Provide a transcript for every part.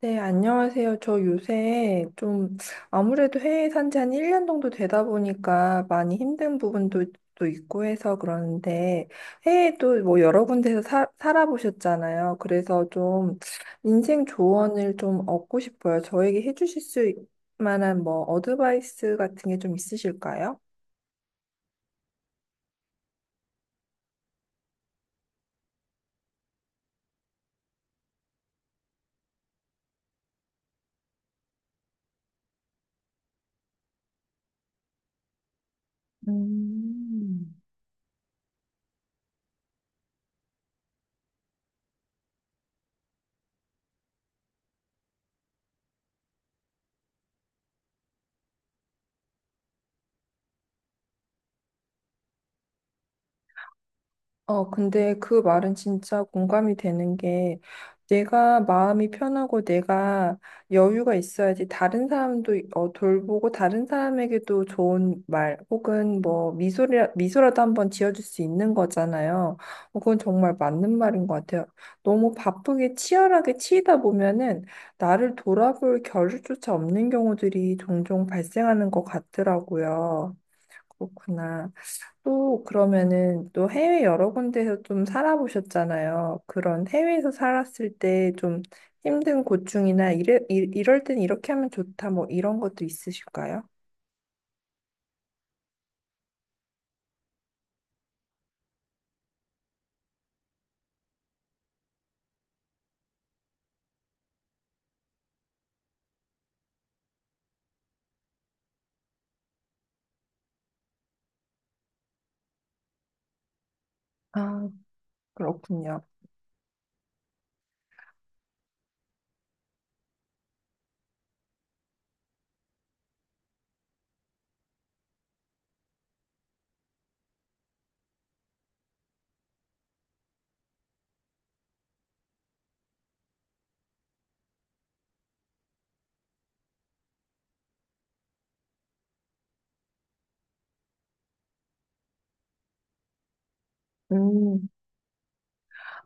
네, 안녕하세요. 저 요새 좀 아무래도 해외에 산지 한 1년 정도 되다 보니까 많이 힘든 부분도 또 있고 해서 그러는데 해외도 뭐 여러 군데서 살아보셨잖아요. 그래서 좀 인생 조언을 좀 얻고 싶어요. 저에게 해주실 수 만한 뭐 어드바이스 같은 게 좀 있으실까요? 음. 근데 그 말은 진짜 공감이 되는 게 내가 마음이 편하고 내가 여유가 있어야지 다른 사람도 돌보고 다른 사람에게도 좋은 말 혹은 뭐 미소라도 한번 지어줄 수 있는 거잖아요. 그건 정말 맞는 말인 것 같아요. 너무 바쁘게 치열하게 치이다 보면은 나를 돌아볼 겨를조차 없는 경우들이 종종 발생하는 것 같더라고요. 그렇구나. 또 그러면은 또 해외 여러 군데에서 좀 살아보셨잖아요. 그런 해외에서 살았을 때 좀 힘든 고충이나 이럴 땐 이렇게 하면 좋다 뭐 이런 것도 있으실까요? 아, 그렇군요. 음.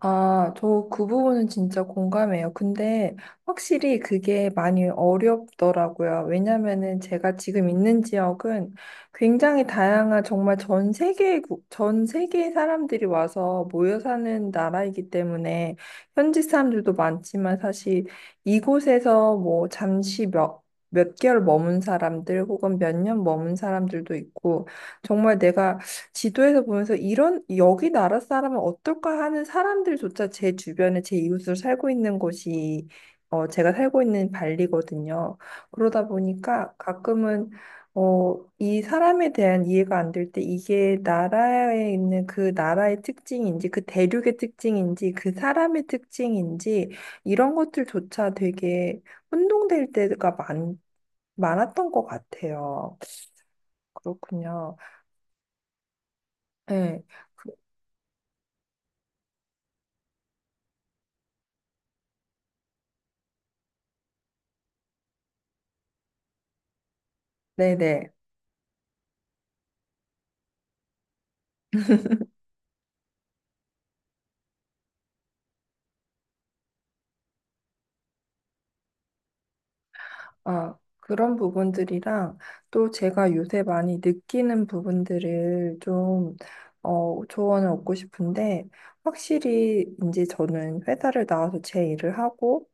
아, 저 그 부분은 진짜 공감해요. 근데 확실히 그게 많이 어렵더라고요. 왜냐면은 제가 지금 있는 지역은 굉장히 다양한 정말 전 세계 사람들이 와서 모여 사는 나라이기 때문에 현지 사람들도 많지만 사실 이곳에서 뭐 잠시 몇 개월 머문 사람들 혹은 몇 년 머문 사람들도 있고 정말 내가 지도에서 보면서 이런 여기 나라 사람은 어떨까 하는 사람들조차 제 주변에 제 이웃으로 살고 있는 곳이 제가 살고 있는 발리거든요. 그러다 보니까 가끔은 이 사람에 대한 이해가 안 될 때 이게 나라에 있는 그 나라의 특징인지 그 대륙의 특징인지 그 사람의 특징인지 이런 것들조차 되게 혼동될 때가 많았던 것 같아요. 그렇군요. 네. 그- 네네. 아, 그런 부분들이랑 또 제가 요새 많이 느끼는 부분들을 좀, 조언을 얻고 싶은데, 확실히 이제 저는 회사를 나와서 제 일을 하고,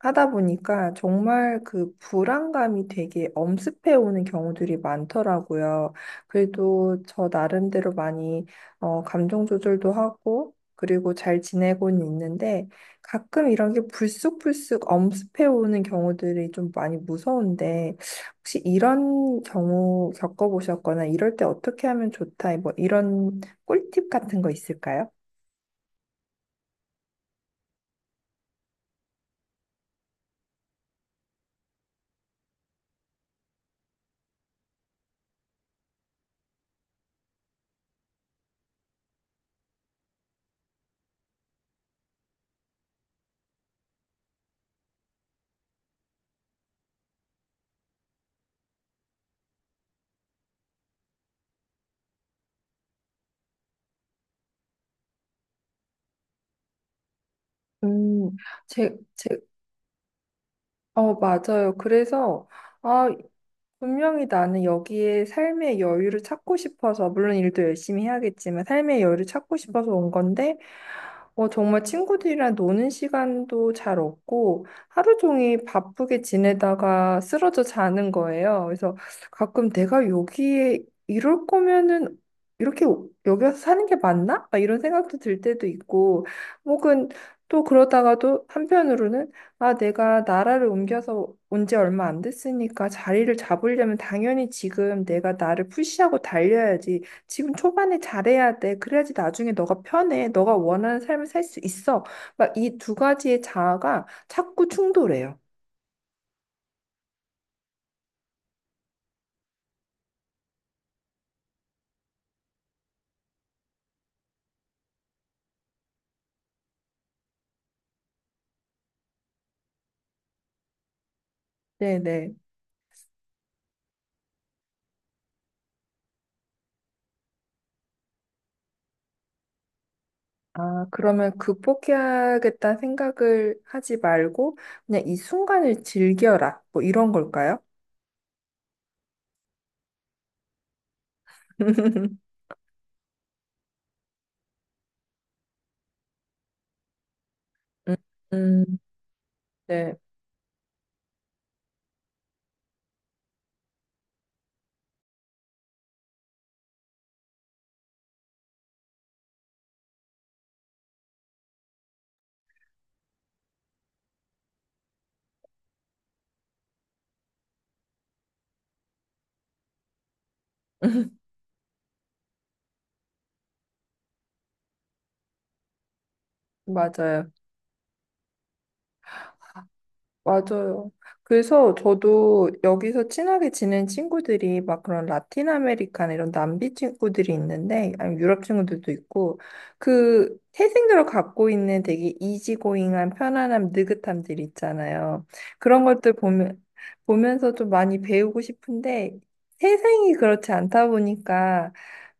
하다 보니까 정말 그 불안감이 되게 엄습해 오는 경우들이 많더라고요. 그래도 저 나름대로 많이 감정 조절도 하고 그리고 잘 지내고는 있는데 가끔 이런 게 불쑥불쑥 엄습해 오는 경우들이 좀 많이 무서운데 혹시 이런 경우 겪어보셨거나 이럴 때 어떻게 하면 좋다 뭐 이런 꿀팁 같은 거 있을까요? 음. 제, 제, 맞아요. 그래서, 아, 분명히 나는 여기에 삶의 여유를 찾고 싶어서, 물론 일도 열심히 해야겠지만, 삶의 여유를 찾고 싶어서 온 건데, 정말 친구들이랑 노는 시간도 잘 없고, 하루 종일 바쁘게 지내다가 쓰러져 자는 거예요. 그래서 가끔 내가 여기에 이럴 거면은 이렇게 여기 와서 사는 게 맞나? 막 이런 생각도 들 때도 있고, 혹은 또 그러다가도 한편으로는 아, 내가 나라를 옮겨서 온지 얼마 안 됐으니까 자리를 잡으려면 당연히 지금 내가 나를 푸시하고 달려야지. 지금 초반에 잘해야 돼. 그래야지 나중에 너가 편해. 너가 원하는 삶을 살 수 있어. 막 이 두 가지의 자아가 자꾸 충돌해요. 네네. 아, 그러면 극복해야겠다는 생각을 하지 말고 그냥 이 순간을 즐겨라. 뭐 이런 걸까요? 음, 음, 네. 맞아요. 맞아요. 그래서 저도 여기서 친하게 지낸 친구들이 막 그런 라틴 아메리카나 이런 남비 친구들이 있는데, 아니 유럽 친구들도 있고, 그 태생적으로 갖고 있는 되게 이지고잉한 편안함, 느긋함들 있잖아요. 그런 것들 보면서 좀 많이 배우고 싶은데, 태생이 그렇지 않다 보니까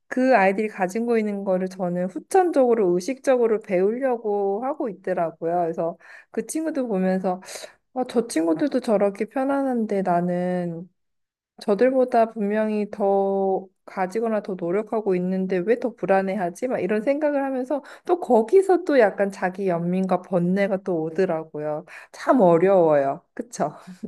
그 아이들이 가지고 있는 거를 저는 후천적으로, 의식적으로 배우려고 하고 있더라고요. 그래서 그 친구들 보면서 아, 저 친구들도 저렇게 편안한데 나는 저들보다 분명히 더 가지거나 더 노력하고 있는데 왜 더 불안해하지? 막 이런 생각을 하면서 또 거기서 또 약간 자기 연민과 번뇌가 또 오더라고요. 참 어려워요. 그쵸?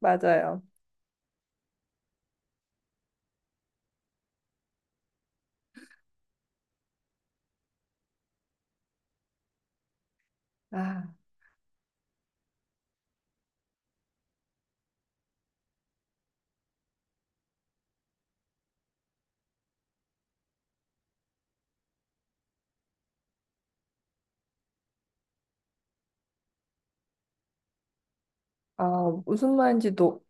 맞아요. 아, 아, 무슨 말인지 너,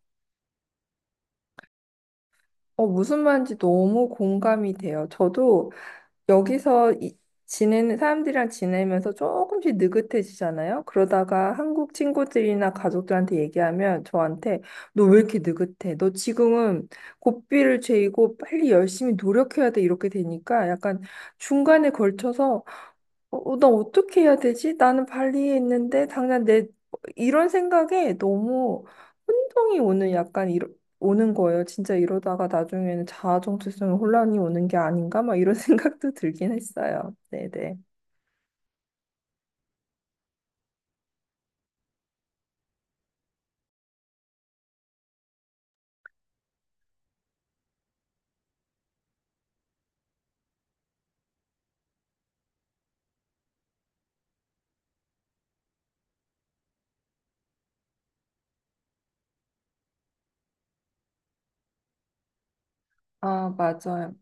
어, 무슨 말인지 너무 공감이 돼요. 저도 여기서 지내는 사람들이랑 지내면서 조금씩 느긋해지잖아요. 그러다가 한국 친구들이나 가족들한테 얘기하면 저한테 너 왜 이렇게 느긋해? 너 지금은 고삐를 죄이고 빨리 열심히 노력해야 돼. 이렇게 되니까 약간 중간에 걸쳐서 나 어떻게 해야 되지? 나는 발리에 있는데 당장 내 이런 생각에 너무 혼동이 오는 약간 오는 거예요. 진짜 이러다가 나중에는 자아 정체성에 혼란이 오는 게 아닌가? 막 이런 생각도 들긴 했어요. 네네. 아, 맞아요.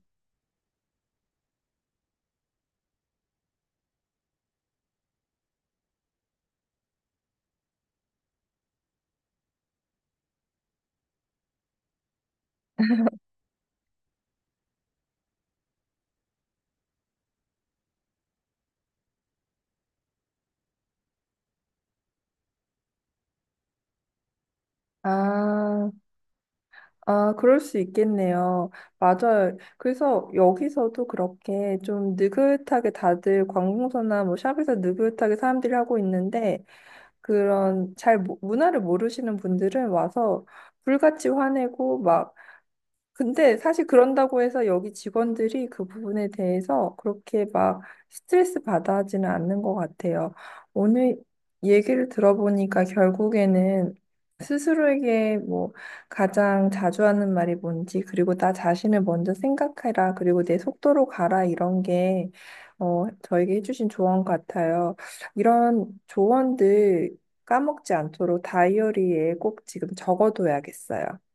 아, 아, 그럴 수 있겠네요. 맞아요. 그래서 여기서도 그렇게 좀 느긋하게 다들 관공서나 뭐 샵에서 느긋하게 사람들이 하고 있는데 그런 잘 문화를 모르시는 분들은 와서 불같이 화내고 막 근데 사실 그런다고 해서 여기 직원들이 그 부분에 대해서 그렇게 막 스트레스 받아 하지는 않는 것 같아요. 오늘 얘기를 들어보니까 결국에는 스스로에게 뭐 가장 자주 하는 말이 뭔지, 그리고 나 자신을 먼저 생각해라, 그리고 내 속도로 가라, 이런 게, 저에게 해주신 조언 같아요. 이런 조언들 까먹지 않도록 다이어리에 꼭 지금 적어둬야겠어요.